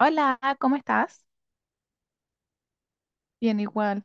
Hola, ¿cómo estás? Bien, igual.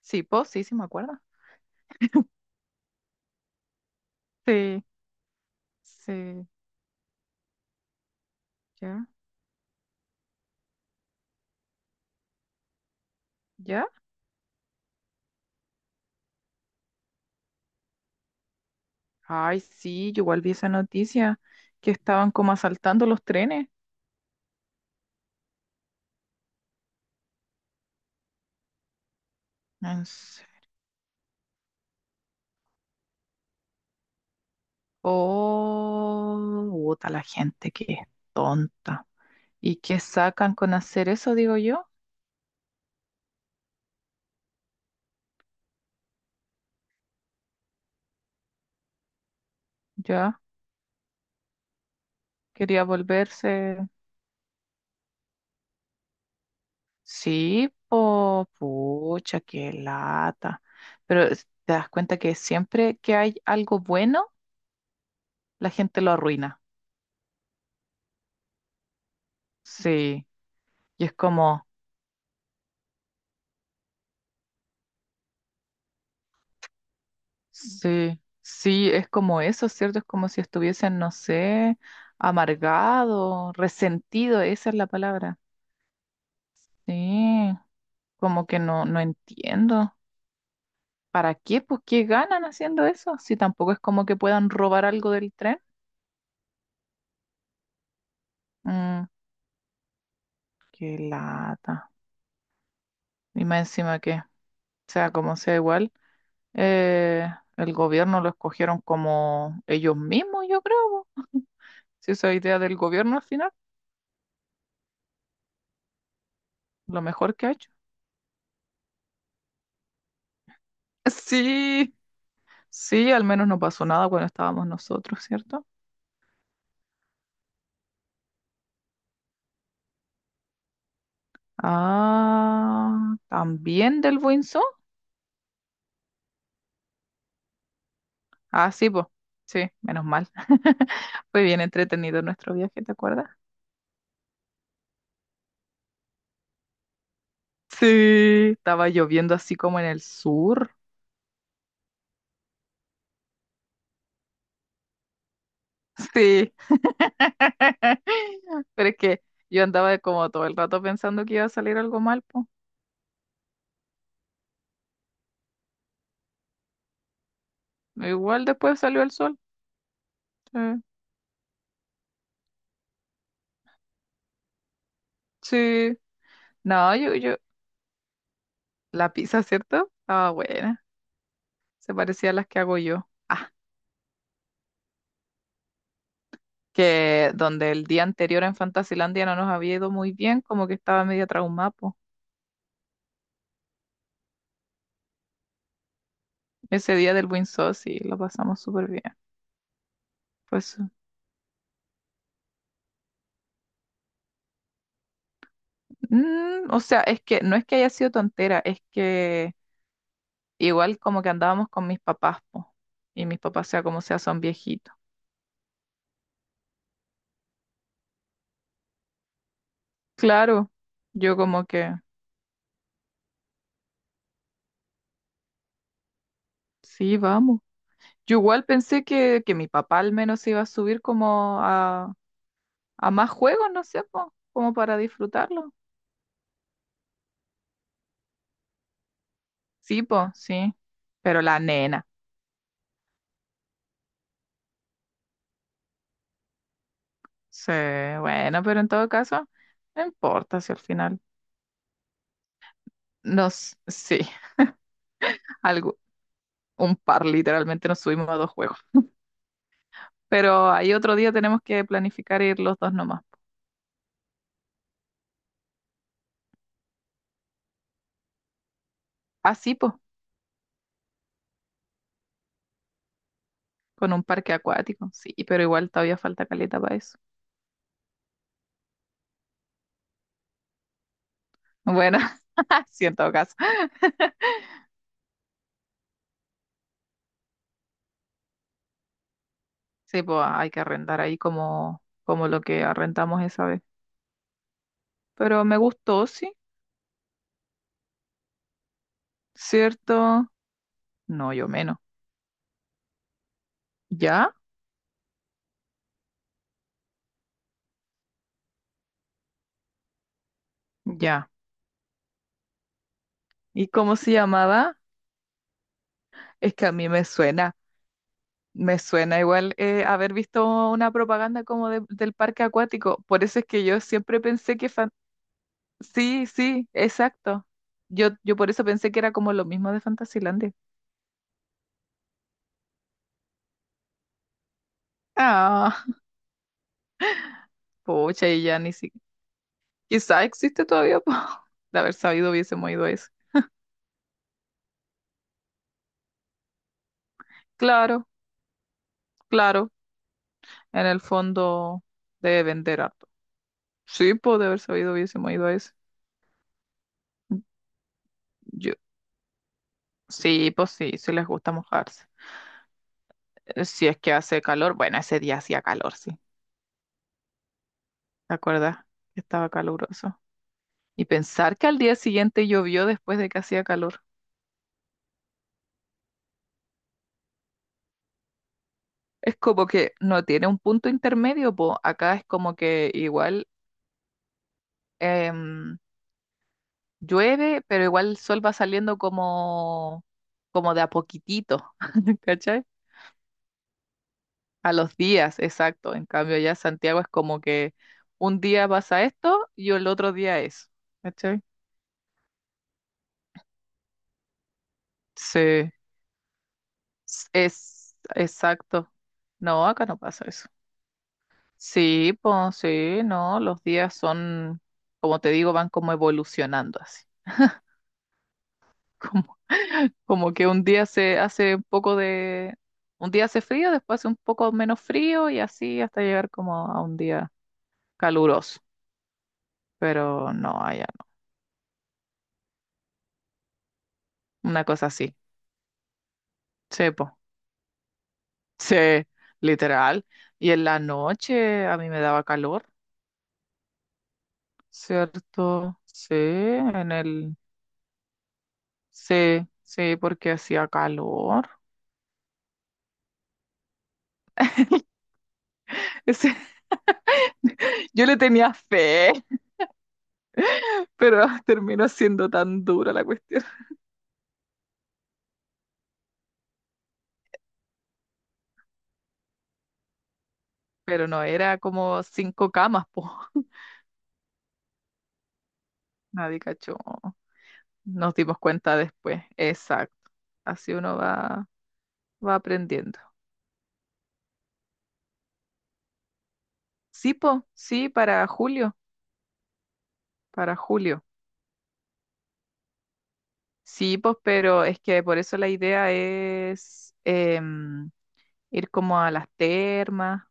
Sí, vos sí me acuerdo. Sí, sí, ya, ya. Ay, sí, yo igual vi esa noticia que estaban como asaltando los trenes. En se- Oh, puta, la gente que es tonta. ¿Y qué sacan con hacer eso, digo yo? Ya, quería volverse. Sí, po, pucha, qué lata. Pero te das cuenta que siempre que hay algo bueno, la gente lo arruina. Sí, y es como, sí, sí, es como eso, ¿cierto? Es como si estuviesen, no sé, amargado, resentido, esa es la palabra. Sí, como que no entiendo. ¿Para qué? Pues, ¿qué ganan haciendo eso? Si tampoco es como que puedan robar algo del tren. Mm, qué lata. Y más encima que, sea como sea igual, eh, el gobierno lo escogieron como ellos mismos, yo creo, po. Si esa idea del gobierno al final, lo mejor que ha hecho. Sí, sí, al menos no pasó nada cuando estábamos nosotros, ¿cierto? Ah, también del Buinzo. Ah, sí, pues. Sí, menos mal. Fue bien entretenido nuestro viaje, ¿te acuerdas? Sí, estaba lloviendo así como en el sur. Sí. Pero es que yo andaba como todo el rato pensando que iba a salir algo mal, pues. Igual después salió el sol. Sí. Sí. No, la pizza, ¿cierto? Ah, buena. Se parecía a las que hago yo. Ah, que donde el día anterior en Fantasilandia no nos había ido muy bien, como que estaba media traumada, po. Ese día del Win Sauce sí, lo pasamos súper bien. Pues, o sea, es que no es que haya sido tontera, es que igual como que andábamos con mis papás, po, y mis papás, sea como sea, son viejitos. Claro, yo como que, sí, vamos. Yo igual pensé que mi papá al menos se iba a subir como a más juegos, no sé, po, como para disfrutarlo. Sí, po, sí. Pero la nena, sí, bueno, pero en todo caso, no importa si al final nos, sí, algo, un par literalmente nos subimos a dos juegos. Pero ahí otro día tenemos que planificar ir los dos nomás. Ah, sí, po. Con un parque acuático, sí, pero igual todavía falta caleta para eso. Bueno, sí, en todo caso. Sí, pues hay que arrendar ahí como lo que arrendamos esa vez. Pero me gustó, sí, ¿cierto? No, yo menos. ¿Ya? Ya. ¿Y cómo se llamaba? Es que a mí me suena igual, haber visto una propaganda como del parque acuático. Por eso es que yo siempre pensé que. Sí, sí, exacto. Yo por eso pensé que era como lo mismo de Fantasilandia. Ah. Pucha, y ya ni siquiera. Quizá existe todavía, po. De haber sabido hubiésemos ido a ese. Claro, claro. En el fondo debe vender harto. Sí, pues de haber sabido hubiésemos ido a ese. Yo, sí, pues sí, sí les gusta mojarse. Si es que hace calor, bueno, ese día hacía calor, sí. ¿Te acuerdas? Estaba caluroso. Y pensar que al día siguiente llovió después de que hacía calor. Es como que no tiene un punto intermedio, pues acá es como que igual. em, Llueve, pero igual el sol va saliendo como de a poquitito, ¿cachai? A los días, exacto. En cambio, ya Santiago es como que un día pasa esto y el otro día es, ¿cachai? Sí, es exacto. No, acá no pasa eso. Sí, pues sí, no, los días son, como te digo, van como evolucionando así. Como que un día se hace un poco de, un día hace frío, después hace un poco menos frío y así hasta llegar como a un día caluroso. Pero no, allá no. Una cosa así. Sepo. Sí, po. Sí, literal. Y en la noche a mí me daba calor, ¿cierto? Sí, en el, sí, sí, porque hacía calor. Ese- yo le tenía fe, pero terminó siendo tan dura la cuestión. Pero no, era como cinco camas, po. Nadie cachó. Nos dimos cuenta después. Exacto. Así uno va aprendiendo. Sí, po, sí, para julio, para julio. Sí, pues, pero es que por eso la idea es ir como a las termas,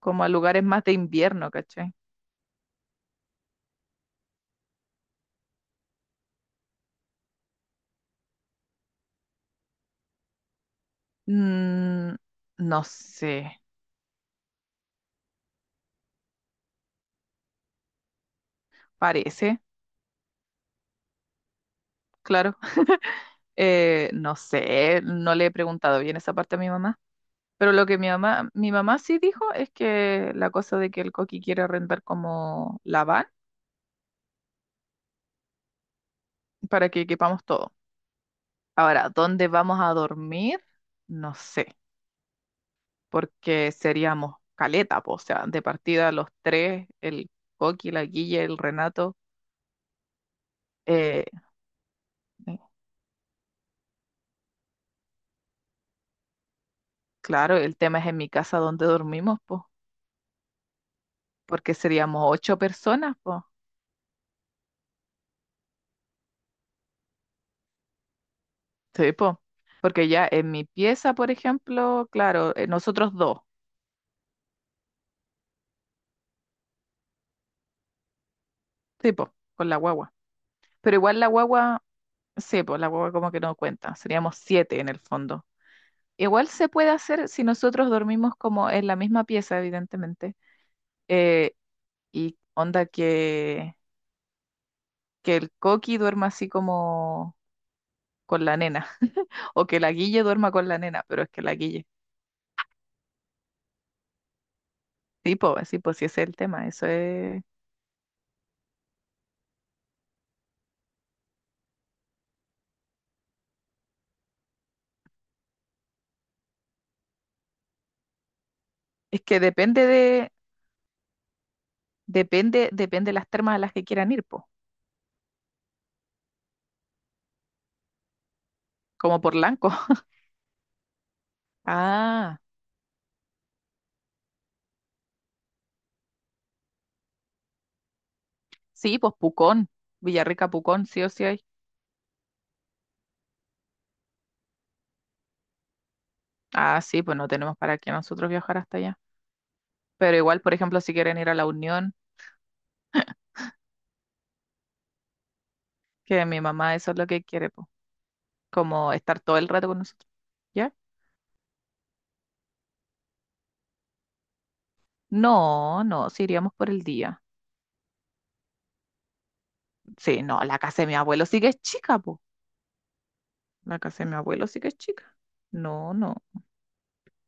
como a lugares más de invierno, ¿cachai? Mm, no sé, parece, claro. No sé, no le he preguntado bien esa parte a mi mamá. Pero lo que mi mamá sí dijo es que la cosa de que el Coqui quiere rentar como la van para que equipamos todo. Ahora, ¿dónde vamos a dormir? No sé, porque seríamos caleta, po, o sea, de partida los tres, el Coqui, la Guille, el Renato. eh, eh, claro, el tema es en mi casa donde dormimos, po, porque seríamos ocho personas, po. Sí, po. Porque ya en mi pieza, por ejemplo, claro, nosotros dos, tipo, con la guagua. Pero igual la guagua, sí, pues la guagua como que no cuenta, seríamos siete en el fondo. Igual se puede hacer si nosotros dormimos como en la misma pieza, evidentemente. eh, y onda que el coqui duerma así como con la nena, o que la guille duerma con la nena, pero es que la guille. Sí, pues, sí, pues sí, ese es el tema. Eso es. Es que depende de las termas a las que quieran ir, pues. Como por Lanco. Ah, sí, pues Pucón, Villarrica Pucón, sí o sí hay. Ah, sí, pues no tenemos para qué nosotros viajar hasta allá. Pero igual, por ejemplo, si quieren ir a la Unión, que mi mamá eso es lo que quiere, pues, como estar todo el rato con nosotros. ¿Ya? No, no, si iríamos por el día. Sí, no, la casa de mi abuelo sí que es chica, pues. La casa de mi abuelo sí que es chica. No, no,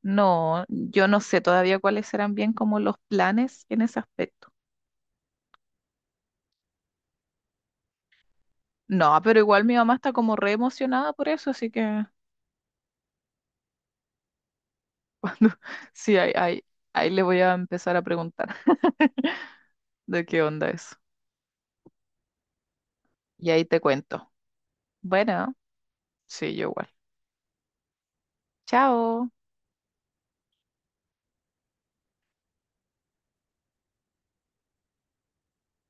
no, yo no sé todavía cuáles serán bien como los planes en ese aspecto. No, pero igual mi mamá está como re emocionada por eso, así que cuando sí, ahí le voy a empezar a preguntar. De qué onda eso. Y ahí te cuento. Bueno, sí, yo igual. Chao.